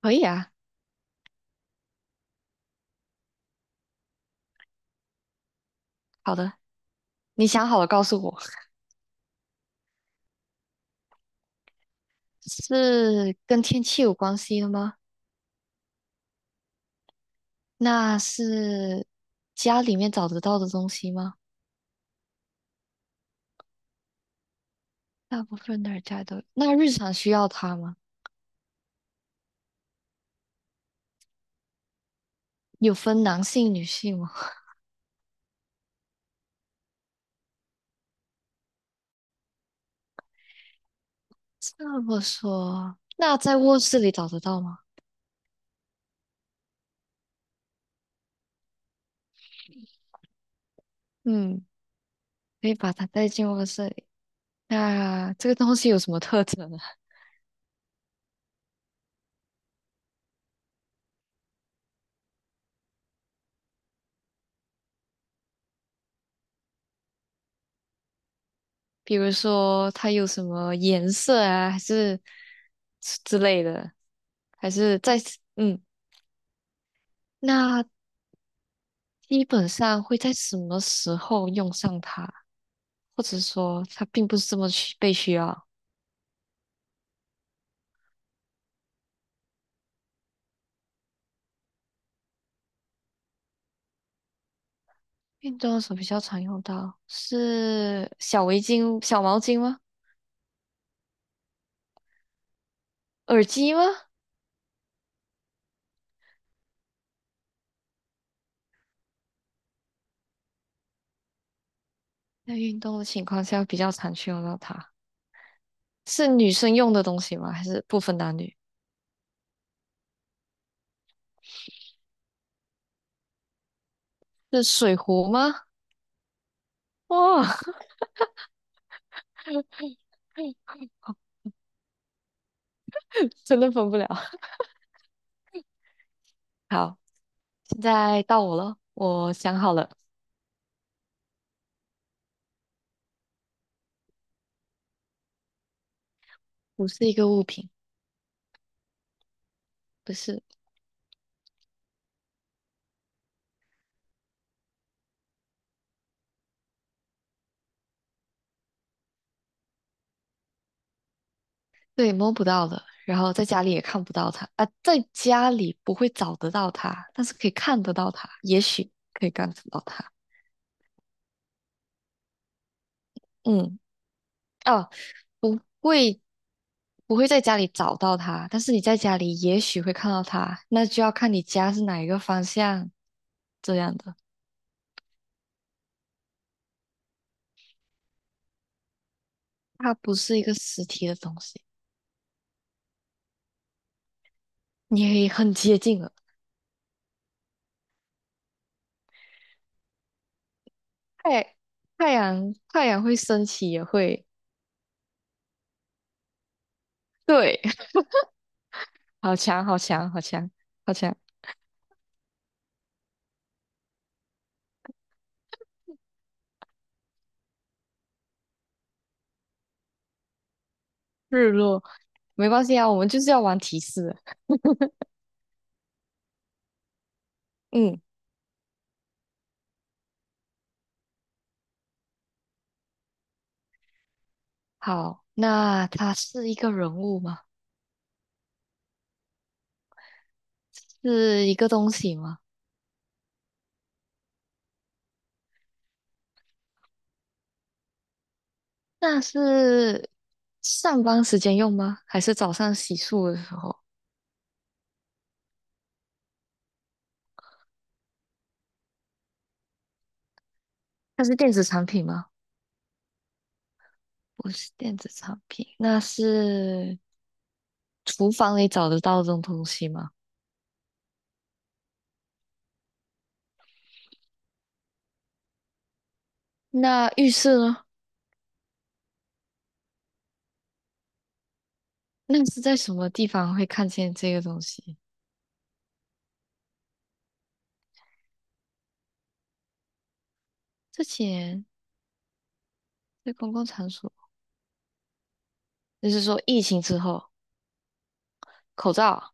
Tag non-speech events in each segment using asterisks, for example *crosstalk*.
可以啊。好的，你想好了告诉我。*laughs* 是跟天气有关系的吗？那是家里面找得到的东西吗？大部分的人家都，那日常需要它吗？有分男性、女性吗？这么说，那在卧室里找得到吗？嗯，可以把它带进卧室里。那这个东西有什么特征呢？*laughs* 比如说它有什么颜色啊，还是之类的，还是在，嗯。那基本上会在什么时候用上它，或者说它并不是这么需被需要。运动的时候比较常用到，是小围巾、小毛巾吗？耳机吗？在运动的情况下比较常去用到它，是女生用的东西吗？还是不分男女？是水壶吗？哇，*laughs* 真的分不了。好，现在到我了，我想好了，不是一个物品，不是。对，摸不到的，然后在家里也看不到它啊，在家里不会找得到它，但是可以看得到它，也许可以看得到它。嗯，哦，不会，不会在家里找到它，但是你在家里也许会看到它，那就要看你家是哪一个方向这样的。它不是一个实体的东西，你可以很接近了。太太阳太阳会升起也会，对，*laughs* 好强，好强，好强，好强。日落，没关系啊，我们就是要玩提示。嗯，好，那它是一个人物吗？是一个东西吗？那是上班时间用吗？还是早上洗漱的时候？它是电子产品吗？不是电子产品，那是厨房里找得到这种东西吗？那浴室呢？那是在什么地方会看见这个东西？之前在公共场所，就是说疫情之后，口罩啊。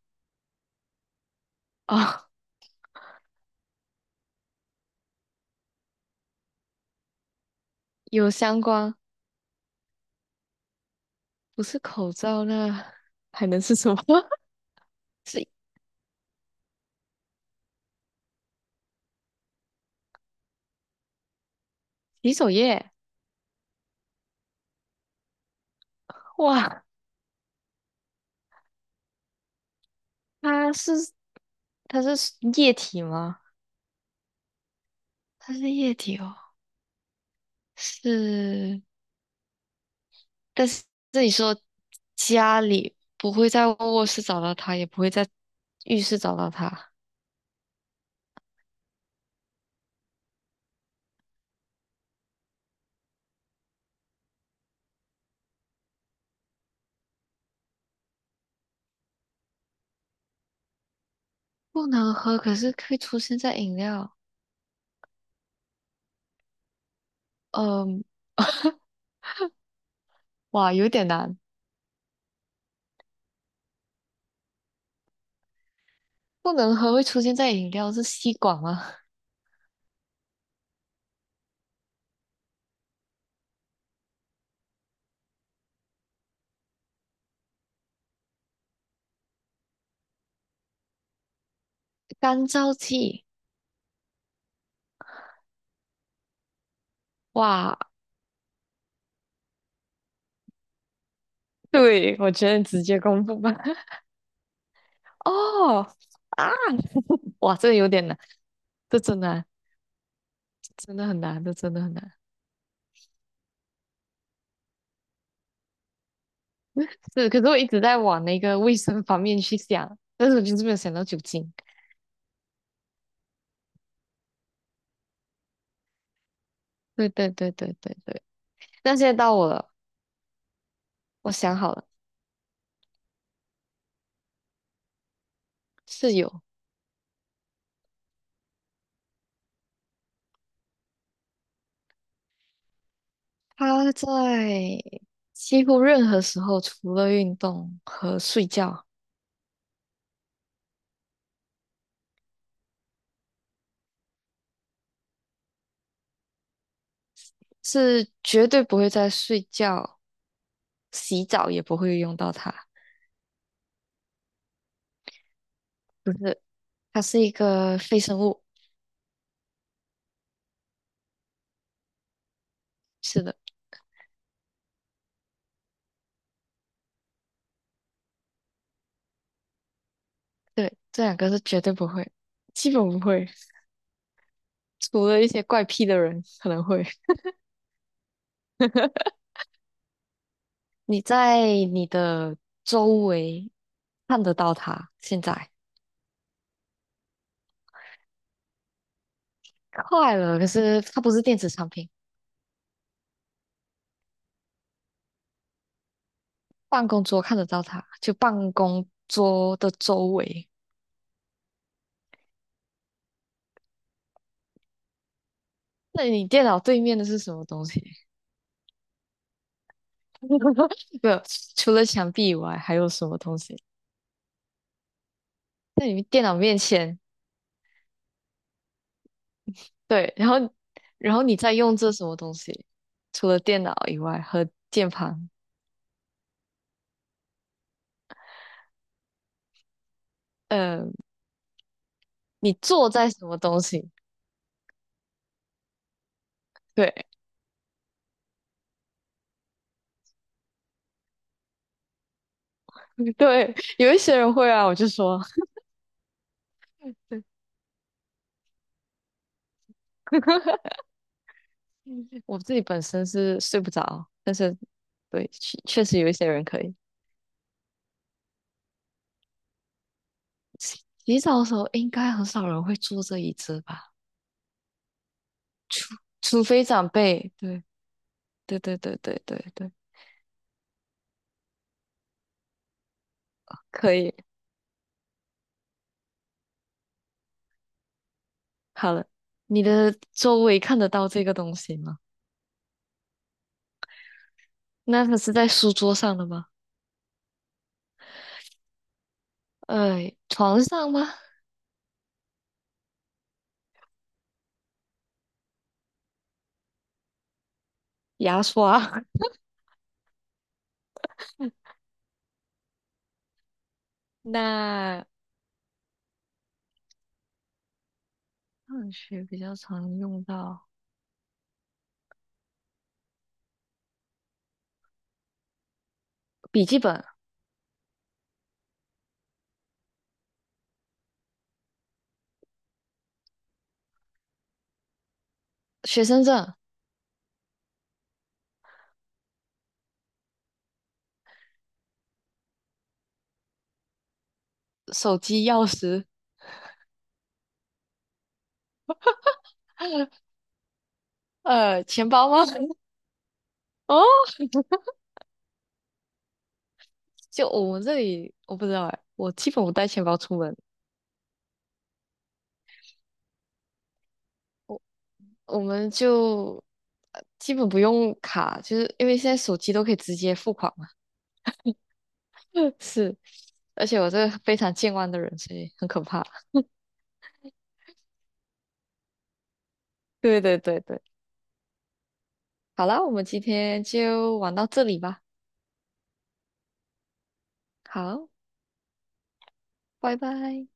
哦 *laughs* 有相关，不是口罩那还能是什么？*laughs* 是洗手液。哇，它是它是液体吗？它是液体哦，是。但是这里说家里不会在卧室找到它，也不会在浴室找到它，不能喝，可是会出现在饮料。嗯，哇，有点难。不能喝会出现在饮料是吸管吗？*laughs* 干燥剂。哇，对，我觉得你直接公布吧。哦啊，*laughs* 哇，这个有点难，这真难，真的很难，这真的很难。是，可是我一直在往那个卫生方面去想，但是我就是没有想到酒精。对对对对对对。那现在到我了，我想好了，室友，他在几乎任何时候，除了运动和睡觉，是绝对不会在睡觉、洗澡也不会用到它。不是，它是一个非生物。是的。对，这两个是绝对不会，基本不会，除了一些怪癖的人可能会。*laughs* 你在你的周围看得到它，现在快了，可是它不是电子产品，办公桌看得到它，就办公桌的周围。那你电脑对面的是什么东西？*laughs* 没有，除了墙壁以外，还有什么东西？在你电脑面前，对，然后，然后你在用这什么东西？除了电脑以外和键盘，呃你坐在什么东西？对 *laughs* 对，有一些人会啊，我就说，*laughs* 我自己本身是睡不着，但是对，确实有一些人可以。洗洗澡的时候应该很少人会坐这椅子吧？除除非长辈。对对对对对对对，可以。好了，你的周围看得到这个东西吗？那它是在书桌上的吗？呃，床上吗？牙刷。*laughs* 那上学比较常用到。笔记本、学生证、手机、钥匙，呃，钱包吗？*laughs* 哦，就我们这里我不知道哎，我基本不带钱包出门，我我们就基本不用卡，就是因为现在手机都可以直接付款嘛。*laughs* 是，而且我这个非常健忘的人，所以很可怕。对对对对，好啦，我们今天就玩到这里吧。好，拜拜。